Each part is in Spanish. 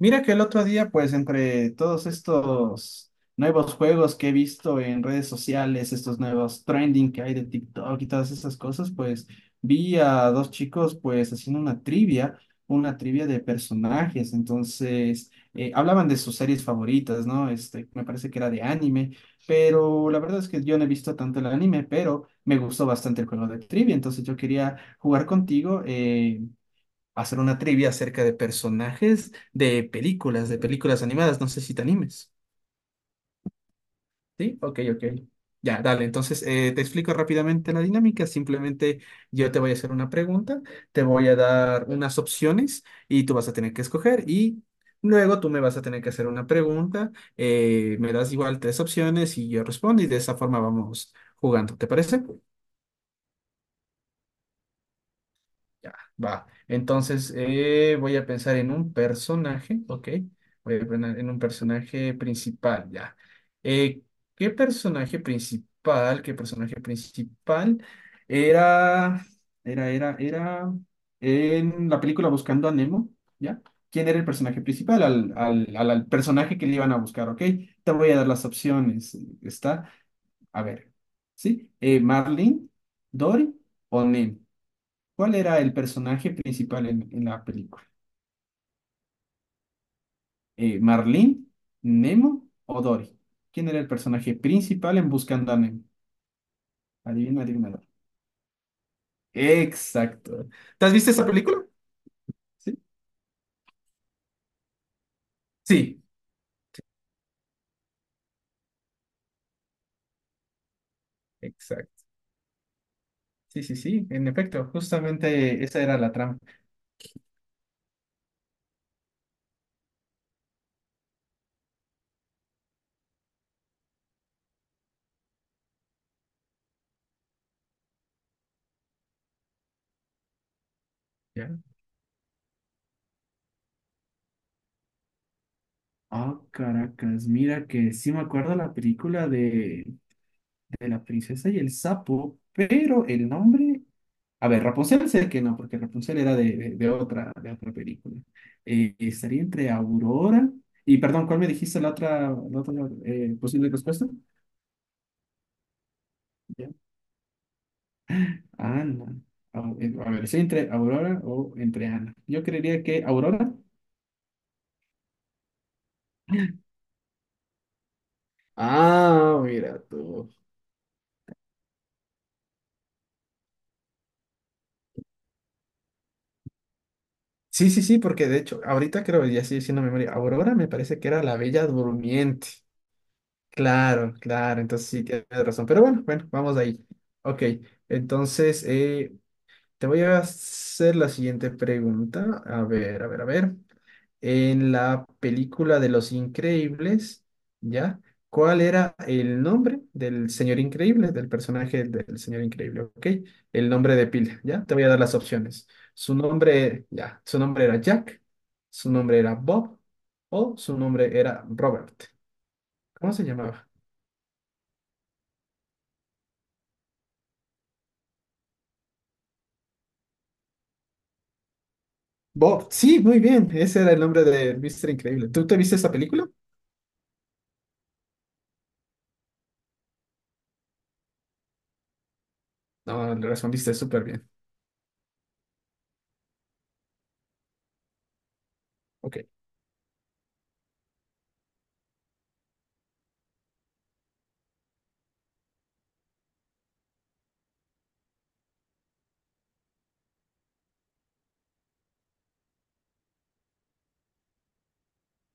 Mira que el otro día, pues entre todos estos nuevos juegos que he visto en redes sociales, estos nuevos trending que hay de TikTok y todas esas cosas, pues vi a dos chicos pues haciendo una trivia de personajes. Entonces, hablaban de sus series favoritas, ¿no? Este, me parece que era de anime, pero la verdad es que yo no he visto tanto el anime, pero me gustó bastante el juego de trivia. Entonces yo quería jugar contigo, hacer una trivia acerca de personajes de películas animadas. No sé si te animes. ¿Sí? Ok, ok. Ya, dale. Entonces, te explico rápidamente la dinámica. Simplemente yo te voy a hacer una pregunta, te voy a dar unas opciones y tú vas a tener que escoger y luego tú me vas a tener que hacer una pregunta. Me das igual tres opciones y yo respondo y de esa forma vamos jugando. ¿Te parece? Ya, va. Entonces, voy a pensar en un personaje, ¿ok? Voy a pensar en un personaje principal, ya. Eh, ¿qué personaje principal era, era en la película Buscando a Nemo, ¿ya? ¿Quién era el personaje principal? Al personaje que le iban a buscar, ¿ok? Te voy a dar las opciones. Está, a ver, ¿sí? Marlin, Dory o Nemo. ¿Cuál era el personaje principal en la película? ¿Marlene, Nemo o Dory? ¿Quién era el personaje principal en Buscando a Nemo? Adivina, adivinador. Exacto. ¿Te has visto esa película? Sí. Sí, exacto. Sí, sí, sí, en efecto, justamente esa era la trama. ¿Ya? Ah, caracas, mira que sí me acuerdo la película de la princesa y el sapo, pero el nombre A ver, Rapunzel sé que no, porque Rapunzel era de otra película. Estaría entre Aurora y, perdón, ¿cuál me dijiste la otra posible respuesta? Ya. Ana. A ver, ¿estoy entre Aurora o entre Ana? Yo creería que Aurora. Ah, mira tú. Sí, sí, sí, porque de hecho, ahorita creo, ya estoy haciendo memoria, Aurora me parece que era la Bella Durmiente. Claro, claro, entonces sí, tienes razón. Pero bueno, bueno, vamos ahí. Ok, entonces, te voy a hacer la siguiente pregunta. A ver, a ver, a ver. En la película de Los Increíbles, ¿ya? ¿Cuál era el nombre del señor increíble, del personaje del señor increíble? ¿Ok? El nombre de pila, ¿ya? Te voy a dar las opciones. Su nombre, ya, su nombre era Jack, su nombre era Bob o su nombre era Robert. ¿Cómo se llamaba? Bob, sí, muy bien. Ese era el nombre de Mr. Increíble. ¿Tú te viste esa película? No, le respondiste súper bien. Ok.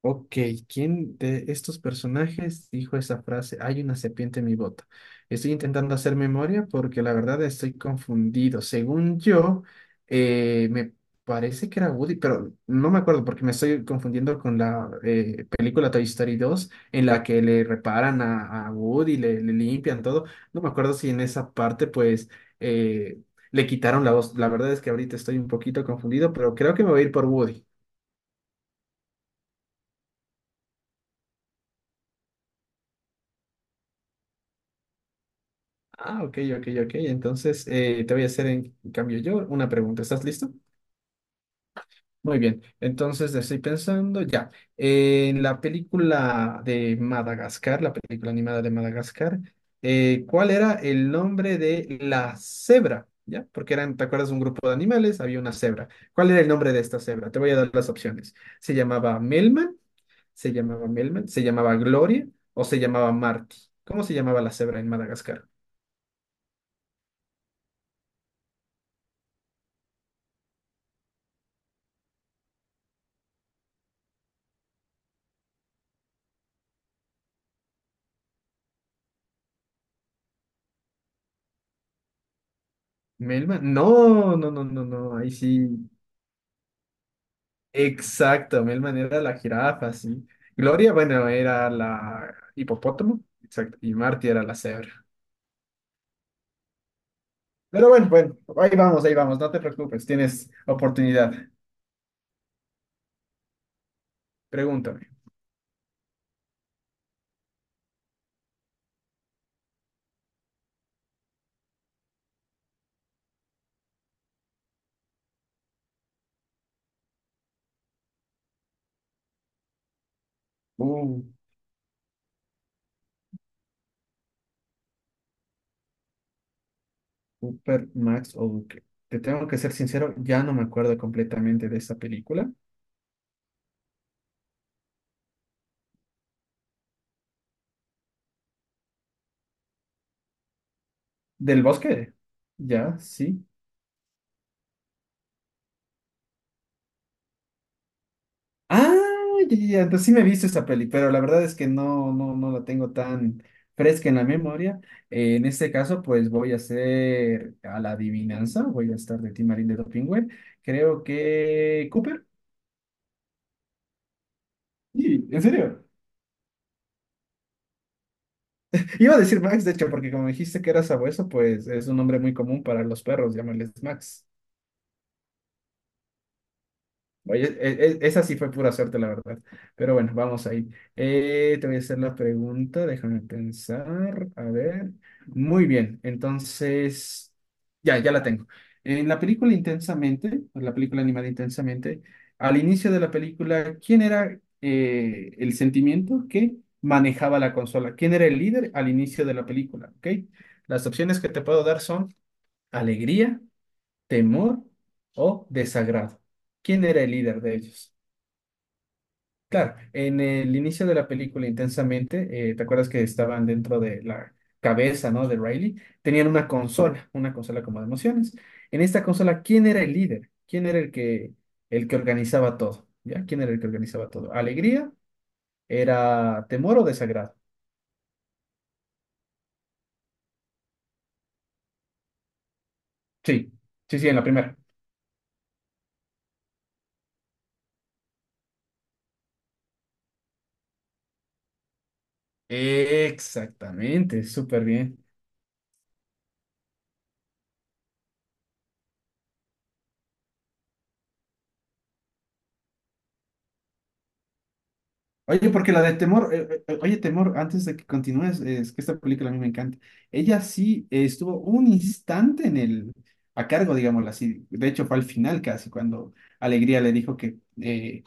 Ok, ¿quién de estos personajes dijo esa frase? Hay una serpiente en mi bota. Estoy intentando hacer memoria porque la verdad estoy confundido. Según yo, me parece que era Woody, pero no me acuerdo porque me estoy confundiendo con la película Toy Story 2 en la que le reparan a Woody, le limpian todo. No me acuerdo si en esa parte pues eh, le quitaron la voz. La verdad es que ahorita estoy un poquito confundido, pero creo que me voy a ir por Woody. Ah, ok, ok, ok. Entonces, te voy a hacer en cambio yo una pregunta. ¿Estás listo? Muy bien. Entonces, estoy pensando ya. En la película de Madagascar, la película animada de Madagascar, ¿cuál era el nombre de la cebra? ¿Ya? Porque eran, ¿te acuerdas? Un grupo de animales, había una cebra. ¿Cuál era el nombre de esta cebra? Te voy a dar las opciones. ¿Se llamaba Melman? ¿Se llamaba Melman? ¿Se llamaba Gloria? ¿O se llamaba Marty? ¿Cómo se llamaba la cebra en Madagascar? Melman, no, no, no, no, no, ahí sí, exacto, Melman era la jirafa, sí. Gloria, bueno, era la hipopótamo, exacto, y Marty era la cebra. Pero bueno, bueno, ahí vamos, no te preocupes, tienes oportunidad. Pregúntame. Uh, Super Max o Duque. Te tengo que ser sincero, ya no me acuerdo completamente de esa película. ¿Del bosque? Ya, sí. Ah, ya, ya, ya, entonces sí me he visto esa peli, pero la verdad es que no, no, no la tengo tan fresca en la memoria. En este caso, pues voy a hacer a la adivinanza, voy a estar de Tim Timarín de Dopingüe. Creo que Cooper. Sí, ¿en serio? Iba a decir Max, de hecho, porque como dijiste que era sabueso, pues es un nombre muy común para los perros, llámales Max. Oye, esa sí fue pura suerte, la verdad. Pero bueno, vamos ahí. Te voy a hacer la pregunta, déjame pensar. A ver. Muy bien, entonces, ya, ya la tengo. En la película Intensamente, o la película animada Intensamente, al inicio de la película, ¿quién era el sentimiento que manejaba la consola? ¿Quién era el líder al inicio de la película? ¿Ok? Las opciones que te puedo dar son alegría, temor o desagrado. ¿Quién era el líder de ellos? Claro, en el inicio de la película intensamente, ¿te acuerdas que estaban dentro de la cabeza, ¿no? De Riley, tenían una consola como de emociones. En esta consola, ¿quién era el líder? ¿Quién era el que organizaba todo? ¿Ya? ¿Quién era el que organizaba todo? ¿Alegría? ¿Era temor o desagrado? Sí, sí, sí, en la primera. Exactamente, súper bien. Oye, porque la de Temor, oye, Temor, antes de que continúes, es que esta película a mí me encanta. Ella sí estuvo un instante en el, a cargo, digámoslo así. De hecho, fue al final casi, cuando Alegría le dijo que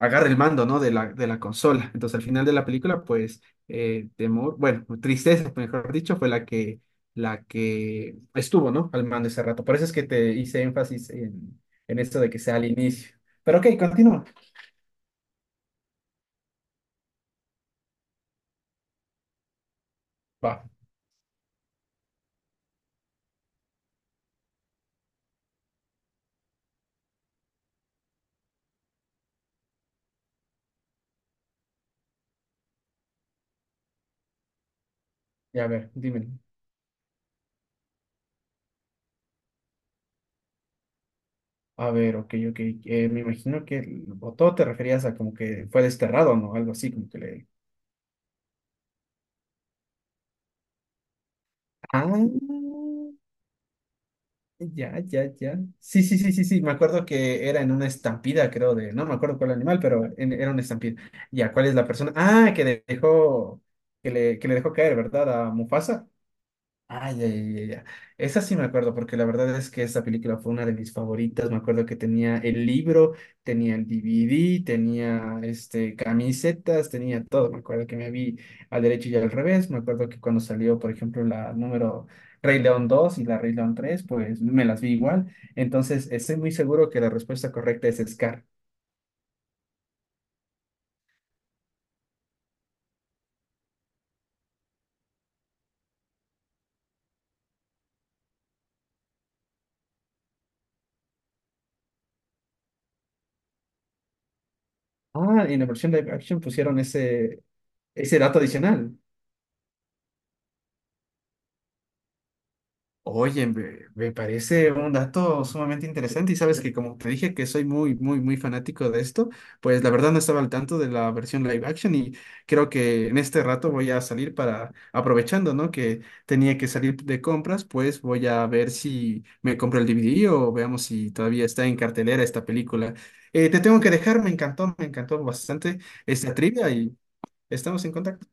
agarre el mando, ¿no? De la consola. Entonces, al final de la película, pues, Temor, bueno, Tristeza, mejor dicho, fue la que estuvo, ¿no? Al mando ese rato. Por eso es que te hice énfasis en esto de que sea al inicio. Pero ok, continúa. Va, ya a ver, dime. A ver, ok, ok. Me imagino que el botó te referías a como que fue desterrado, ¿no? Algo así, como que le... Ah, ya, ya, ya. Sí, sí, sí, sí, sí. Me acuerdo que era en una estampida, creo, de... No me acuerdo cuál animal, pero era una estampida. Ya, ¿cuál es la persona? Ah, que le dejó... Que le dejó caer, ¿verdad? A Mufasa. Ah, ya, ya, ya, ya. Esa sí me acuerdo, porque la verdad es que esa película fue una de mis favoritas. Me acuerdo que tenía el libro, tenía el DVD, tenía este, camisetas, tenía todo. Me acuerdo que me vi al derecho y al revés. Me acuerdo que cuando salió, por ejemplo, la número Rey León 2 y la Rey León 3, pues me las vi igual. Entonces, estoy muy seguro que la respuesta correcta es Scar. Ah, en la versión live action pusieron ese dato adicional. Oye, me parece un dato sumamente interesante y sabes que como te dije que soy muy, muy, muy fanático de esto, pues la verdad no estaba al tanto de la versión live action y creo que en este rato voy a salir para, aprovechando, ¿no? Que tenía que salir de compras, pues voy a ver si me compro el DVD o veamos si todavía está en cartelera esta película. Te tengo que dejar, me encantó bastante esta trivia y estamos en contacto.